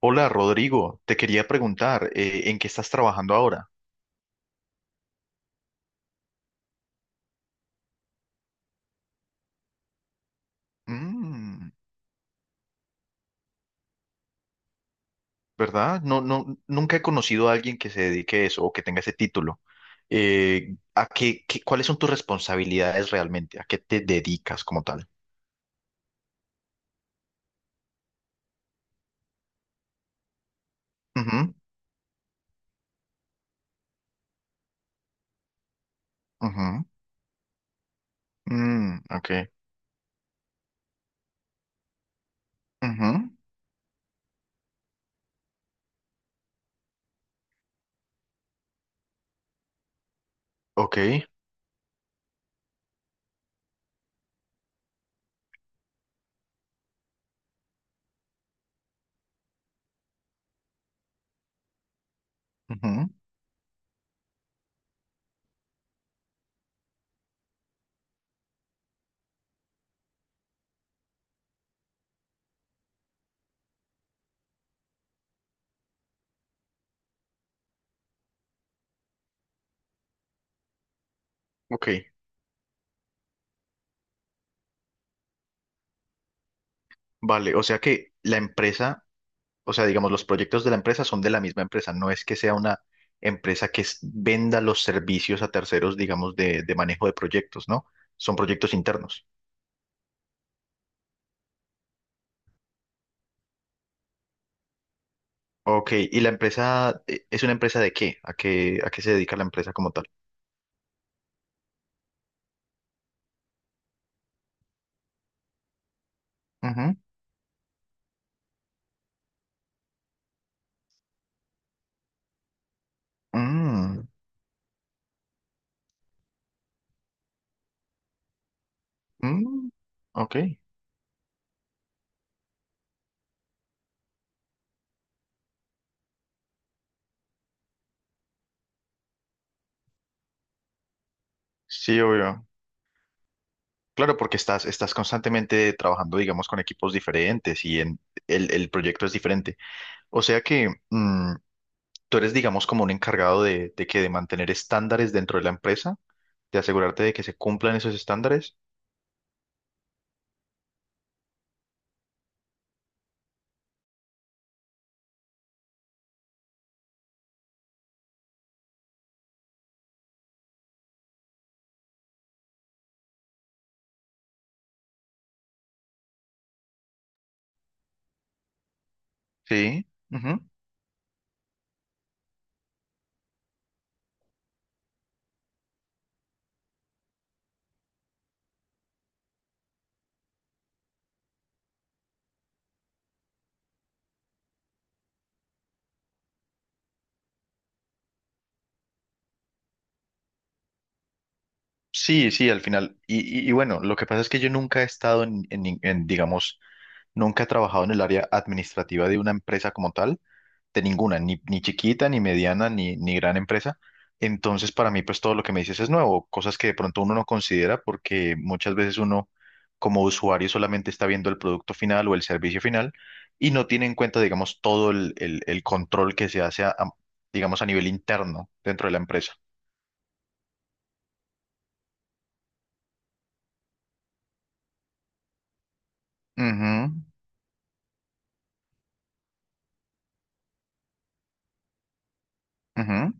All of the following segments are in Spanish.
Hola Rodrigo, te quería preguntar, ¿en qué estás trabajando ahora? Mm. ¿Verdad? No, no, nunca he conocido a alguien que se dedique a eso o que tenga ese título. ¿ Cuáles son tus responsabilidades realmente? ¿A qué te dedicas como tal? Ujú. Ujú. Mm. Ok. Ujú. Ok. Ujú. Ok. Vale, o sea que la empresa, o sea, digamos, los proyectos de la empresa son de la misma empresa, no es que sea una empresa que venda los servicios a terceros, digamos, de manejo de proyectos, ¿no? Son proyectos internos. Ok, ¿y la empresa es una empresa de qué? ¿A qué se dedica la empresa como tal? Ujú. Mm. Mm. Ok. Sí, obvio. Claro, porque estás constantemente trabajando, digamos, con equipos diferentes y en, el proyecto es diferente. O sea que, tú eres, digamos, como un encargado de mantener estándares dentro de la empresa, de asegurarte de que se cumplan esos estándares. Sí. Ujú. Sí, sí, al final. Y bueno, lo que pasa es que yo nunca he estado digamos, nunca he trabajado en el área administrativa de una empresa como tal. De ninguna, ni chiquita, ni mediana, ni gran empresa. Entonces, para mí, pues todo lo que me dices es nuevo, cosas que de pronto uno no considera porque muchas veces uno como usuario solamente está viendo el producto final o el servicio final y no tiene en cuenta, digamos, todo el control que se hace, digamos, a nivel interno dentro de la empresa. Ujú. Ujú.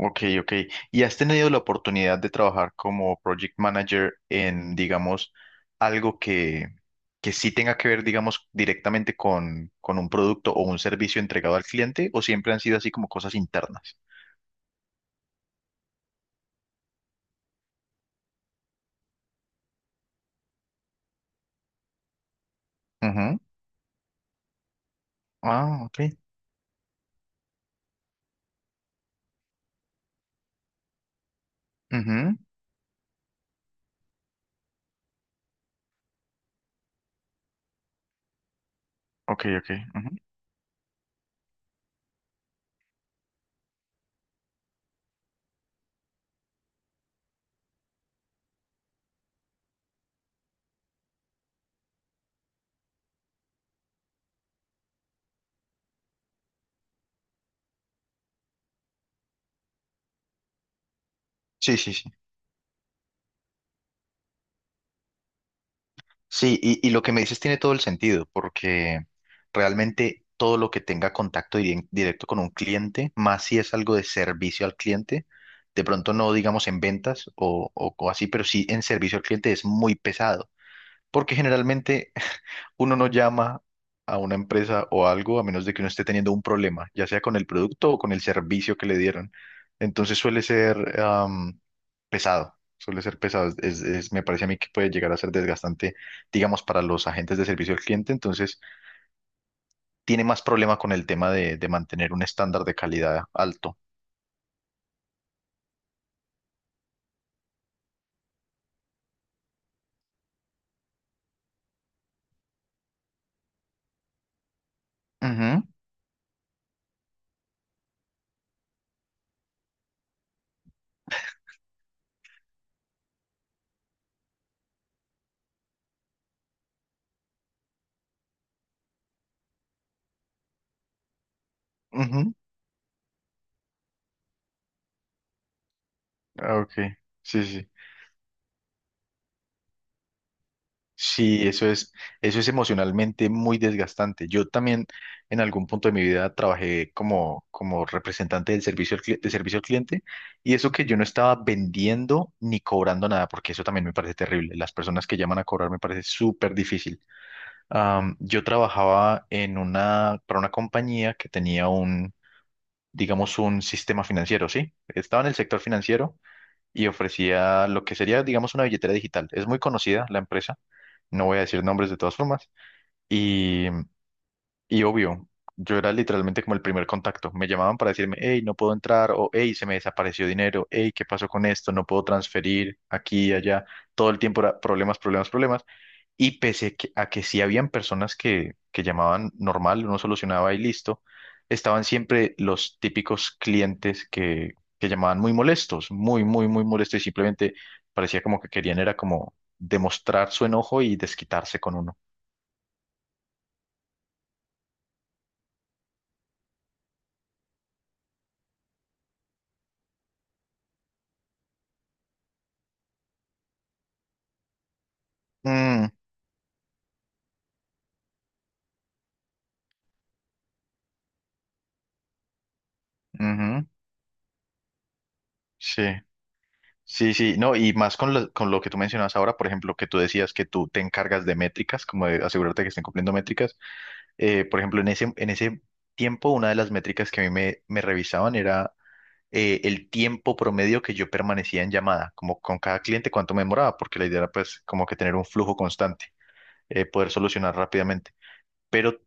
Ok, ok. ¿Y has tenido la oportunidad de trabajar como project manager en, digamos, algo que sí tenga que ver, digamos, directamente con un producto o un servicio entregado al cliente? ¿O siempre han sido así como cosas internas? Ujú. Ah, ok. Ujú. Ok, ok. Ujú. Sí, sí, sí. Sí, y lo que me dices tiene todo el sentido, porque realmente todo lo que tenga contacto directo con un cliente, más si es algo de servicio al cliente, de pronto no digamos en ventas o, o así, pero sí en servicio al cliente es muy pesado, porque generalmente uno no llama a una empresa o algo a menos de que uno esté teniendo un problema, ya sea con el producto o con el servicio que le dieron. Entonces suele ser pesado, suele ser pesado. Me parece a mí que puede llegar a ser desgastante, digamos, para los agentes de servicio al cliente. Entonces tiene más problema con el tema de mantener un estándar de calidad alto. Ujú. Ujú. Ah, ok, sí, sí. Sí. Sí, eso es emocionalmente muy desgastante. Yo también en algún punto de mi vida trabajé como representante del servicio al, cli- de servicio al cliente, y eso que yo no estaba vendiendo ni cobrando nada, porque eso también me parece terrible. Las personas que llaman a cobrar me parece súper difícil. Yo trabajaba para una compañía que tenía digamos, un sistema financiero, ¿sí? Estaba en el sector financiero y ofrecía lo que sería, digamos, una billetera digital. Es muy conocida la empresa, no voy a decir nombres de todas formas. Y, y obvio, yo era literalmente como el primer contacto. Me llamaban para decirme: hey, no puedo entrar, o hey, se me desapareció dinero, hey, ¿qué pasó con esto? No puedo transferir aquí y allá. Todo el tiempo era problemas, problemas, problemas. Y a que sí habían personas que, llamaban normal, uno solucionaba y listo, estaban siempre los típicos clientes que llamaban muy molestos, muy, muy, muy molestos y simplemente parecía como que querían era como demostrar su enojo y desquitarse con uno. Mm. Ujú. Sí, sí, sí, no, y más con lo que tú mencionabas ahora, por ejemplo, que tú decías que tú te encargas de métricas, como de asegurarte que estén cumpliendo métricas. Por ejemplo, en ese tiempo, una de las métricas que a mí me revisaban era el tiempo promedio que yo permanecía en llamada, como con cada cliente, cuánto me demoraba, porque la idea era pues como que tener un flujo constante, poder solucionar rápidamente. Pero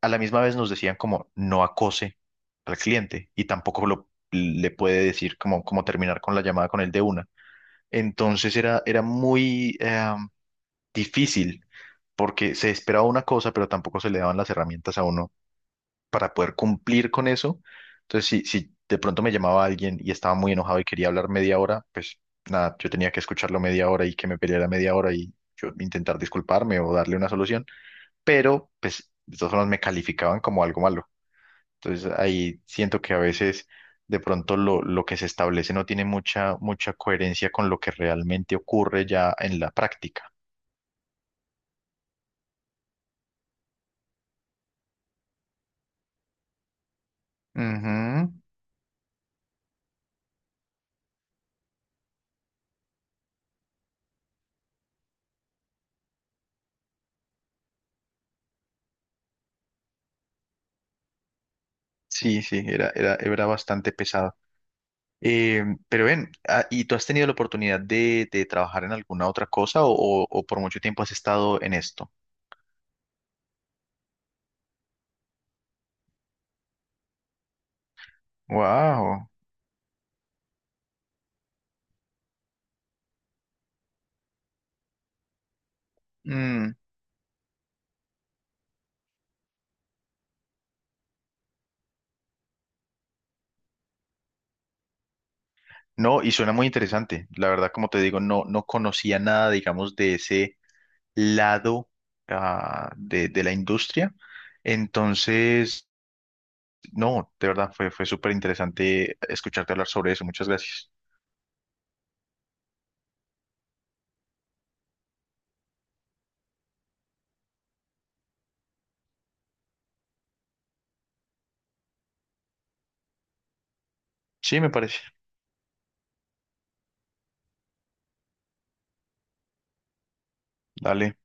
a la misma vez nos decían como no acose al cliente y tampoco le puede decir como terminar con la llamada con él de una. Entonces era muy difícil porque se esperaba una cosa, pero tampoco se le daban las herramientas a uno para poder cumplir con eso. Entonces, si de pronto me llamaba alguien y estaba muy enojado y quería hablar media hora, pues nada, yo tenía que escucharlo media hora y que me peleara media hora y yo intentar disculparme o darle una solución, pero pues de todas formas me calificaban como algo malo. Entonces ahí siento que a veces de pronto lo que se establece no tiene mucha, mucha coherencia con lo que realmente ocurre ya en la práctica. Ujú. Sí, sí, era bastante pesado. Pero ven, ¿y tú has tenido la oportunidad de trabajar en alguna otra cosa o, o por mucho tiempo has estado en esto? Wow. Mm. No, y suena muy interesante. La verdad, como te digo, no, no conocía nada, digamos, de ese lado, de la industria. Entonces, no, de verdad fue súper interesante escucharte hablar sobre eso. Muchas gracias. Sí, me parece. Dale.